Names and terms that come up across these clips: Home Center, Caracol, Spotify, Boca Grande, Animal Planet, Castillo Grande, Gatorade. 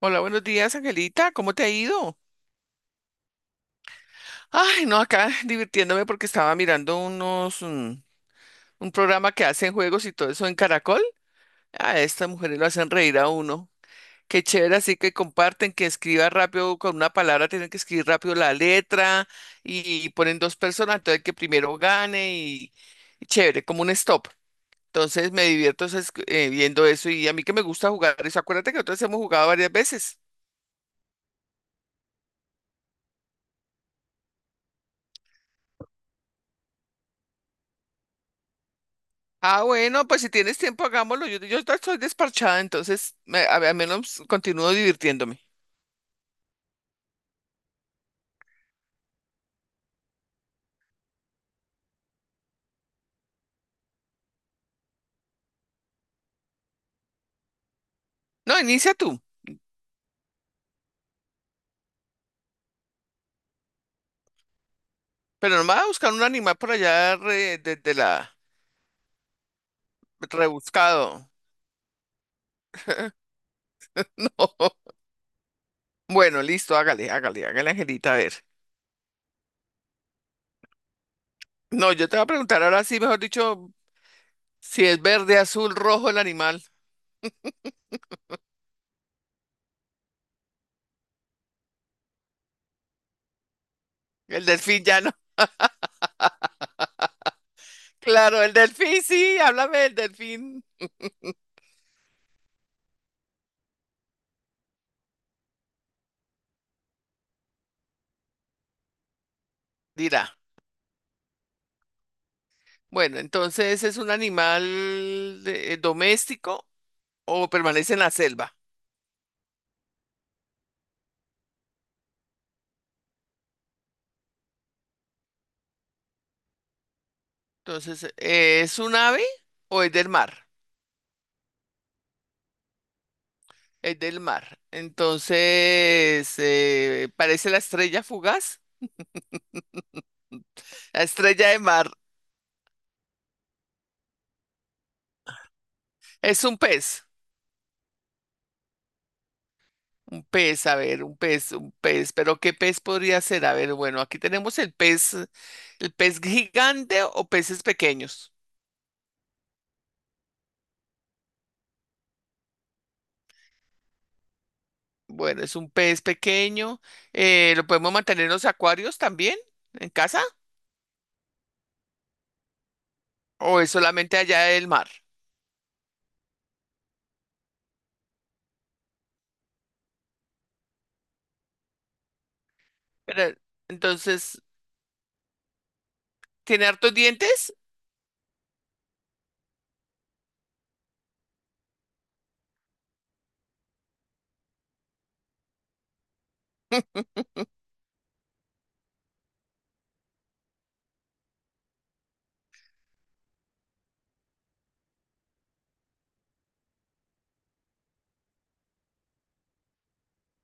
Hola, buenos días, Angelita. ¿Cómo te ha ido? Ay, no, acá divirtiéndome porque estaba mirando un programa que hacen juegos y todo eso en Caracol. A estas mujeres lo hacen reír a uno. Qué chévere, así que comparten, que escriba rápido con una palabra, tienen que escribir rápido la letra y ponen dos personas, entonces el que primero gane y chévere, como un stop. Entonces me divierto viendo eso y a mí que me gusta jugar eso. Acuérdate que nosotros hemos jugado varias veces. Ah, bueno, pues si tienes tiempo, hagámoslo. Yo ahorita estoy desparchada, entonces al menos continúo divirtiéndome. No, inicia tú, pero no me vas a buscar un animal por allá desde la rebuscado. No. Bueno, listo, hágale, hágale, hágale, Angelita, a ver. No, yo te voy a preguntar ahora sí, mejor dicho, si es verde, azul, rojo el animal. El delfín ya no. Claro, el delfín, sí, háblame del delfín. Dirá. Bueno, entonces, ¿es un animal doméstico o permanece en la selva? Entonces, ¿es un ave o es del mar? Es del mar. Entonces, parece la estrella fugaz, la estrella de mar. Es un pez, a ver, un pez, un pez. Pero ¿qué pez podría ser? A ver, bueno, aquí tenemos el pez gigante o peces pequeños. Bueno, es un pez pequeño. ¿Lo podemos mantener en los acuarios también, en casa? ¿O es solamente allá del mar? Pero, entonces, ¿tiene hartos dientes?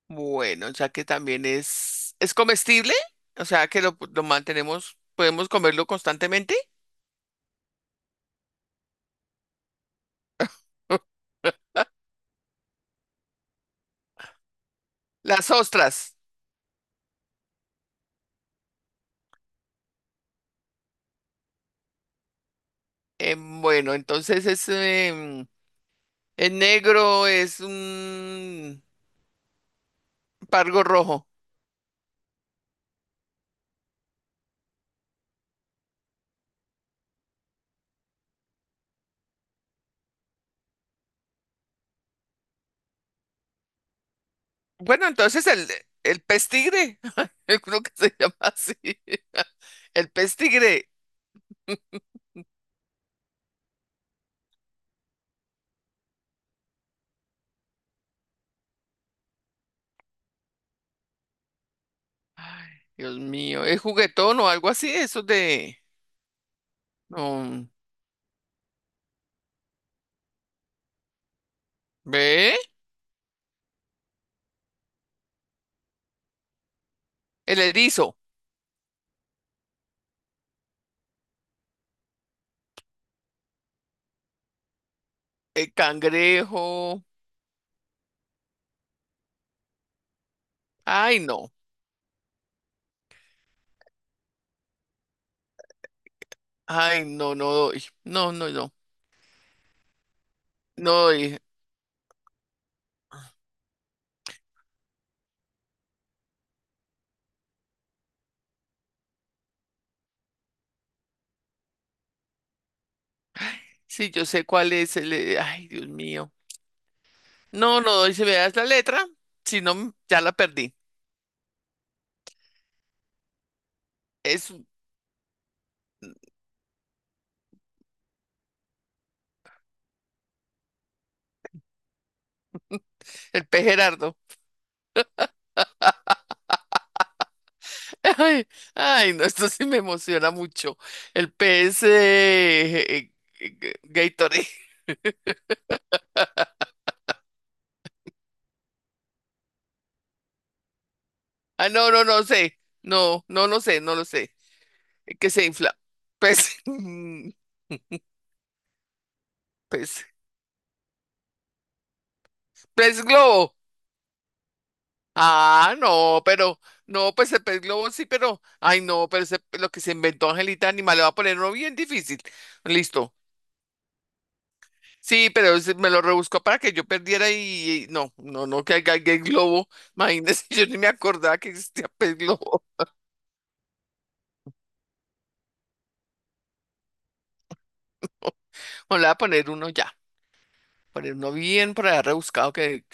Bueno, ya que también es comestible, o sea que lo mantenemos, podemos comerlo constantemente. Las ostras. Bueno, entonces es negro, es un pargo rojo. Bueno, entonces el pez tigre, yo creo que se llama así. El pez tigre. Ay, Dios mío, ¿es juguetón o algo así? Eso de... no, ¿Ve? El erizo, el cangrejo. Ay, no. Ay, no, no doy. No, no, no. No doy. Sí, yo sé cuál es el... Ay, Dios mío. No, no doy. Si me das la letra, si no, ya la perdí. Es el P. Gerardo. Ay, ay, no, esto sí me emociona mucho. El P es Gatorade. Ah, no, no sé. No, no sé, no lo sé. El que se infla. Pez. Pez. Pez globo. Ah, no, pero, no, pues el pez globo sí, pero, ay, no, pero ese- lo que se inventó Angelita Anima le va a poner uno bien difícil. Listo. Sí, pero ese me lo rebuscó para que yo perdiera y no, no, no, que haya el globo. Imagínese, yo ni me acordaba que existía pez globo. Bueno, le voy a poner uno ya, poner uno bien por allá rebuscado que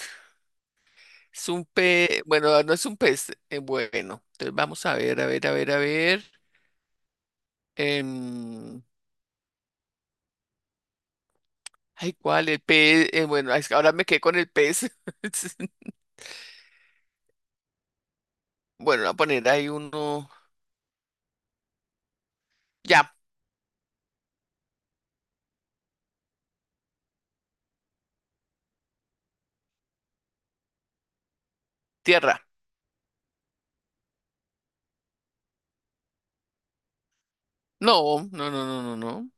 es un pez, bueno, no es un pez, bueno. Entonces vamos a ver, a ver, a ver, a ver. em, Ay, ¿cuál? El pez. Bueno, es que ahora me quedé con el pez. Bueno, voy a poner ahí uno. Ya, tierra. No, no, no, no, no, no.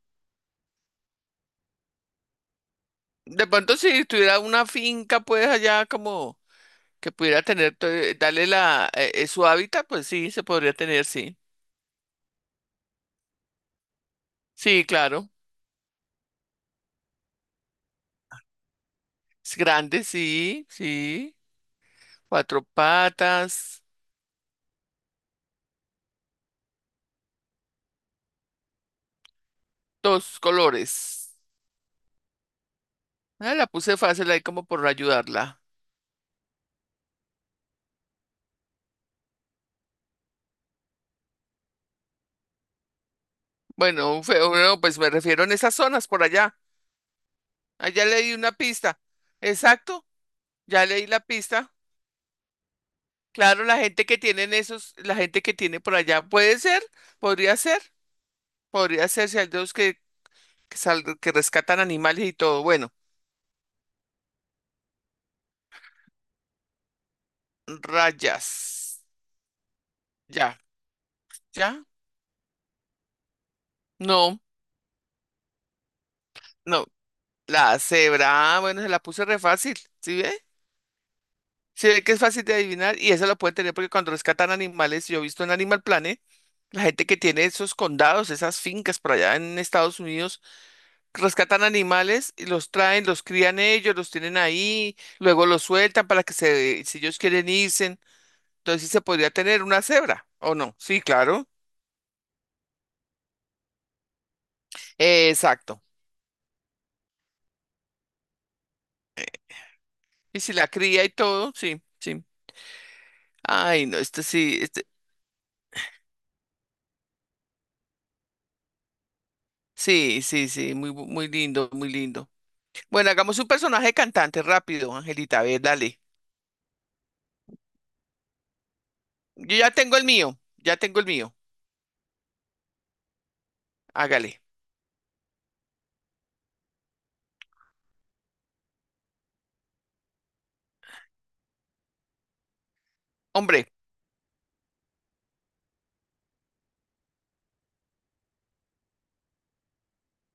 De pronto, si tuviera una finca, pues allá como que pudiera tener, darle la su hábitat, pues sí, se podría tener, sí. Sí, claro. Es grande, sí, sí. Cuatro patas, dos colores. Ah, la puse fácil ahí como por ayudarla. Bueno, feo, no, pues me refiero en esas zonas por allá. Ah, ya le di una pista. Exacto, ya le di la pista. Claro, la gente que tienen esos, la gente que tiene por allá, puede ser, podría ser, podría ser si hay dos que que rescatan animales y todo. Bueno, rayas. Ya, ya. No, no. La cebra, ah, bueno, se la puse re fácil. ¿Sí ve? Sí ve que es fácil de adivinar y eso lo pueden tener porque cuando rescatan animales, yo he visto en Animal Planet, la gente que tiene esos condados, esas fincas por allá en Estados Unidos. Rescatan animales y los traen, los crían ellos, los tienen ahí, luego los sueltan para que se, si ellos quieren irse, entonces sí se podría tener una cebra, ¿o no? Sí, claro. Exacto. Y si la cría y todo, sí, sí. Ay, no, este, sí, sí, sí, muy lindo, muy lindo. Bueno, hagamos un personaje cantante rápido, Angelita, a ver, dale. Yo ya tengo el mío, ya tengo el mío, hágale. Hombre,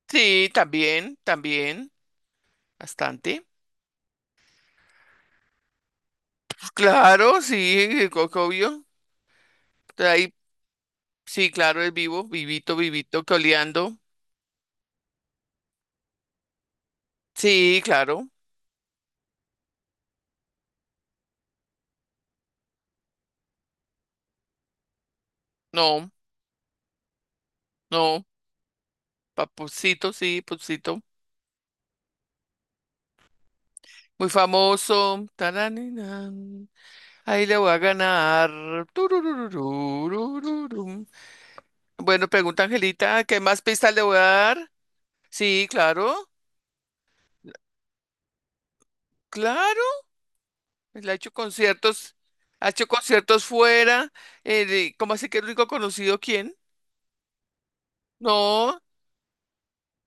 sí, también, también, bastante. Pues claro, sí, obvio. De ahí, sí, claro, es vivo, vivito, vivito, coleando. Sí, claro. No, no. Papucito, sí, Papucito. Muy famoso. Taraninan. Ahí le voy a ganar. Turururururururu. Bueno, pregunta Angelita, ¿qué más pistas le voy a dar? Sí, claro, claro. Él ha hecho conciertos fuera. ¿Cómo así que el único conocido quién? No,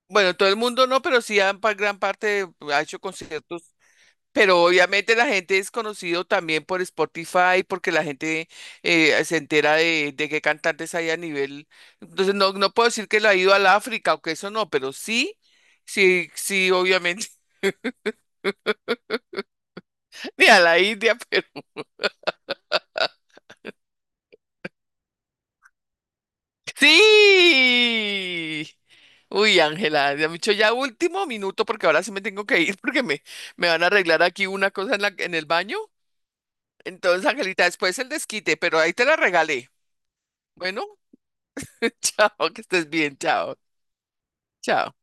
bueno, todo el mundo no, pero sí han gran parte ha hecho conciertos. Pero obviamente la gente es conocido también por Spotify, porque la gente se entera de qué cantantes hay a nivel. Entonces no, no puedo decir que lo ha ido al África o que eso no, pero sí, sí, sí, obviamente, ni a la India, pero sí. Uy, Ángela, ya me he dicho ya último minuto porque ahora sí me tengo que ir porque me van a arreglar aquí una cosa en la, en el baño. Entonces, Angelita, después el desquite, pero ahí te la regalé. Bueno, chao, que estés bien, chao, chao.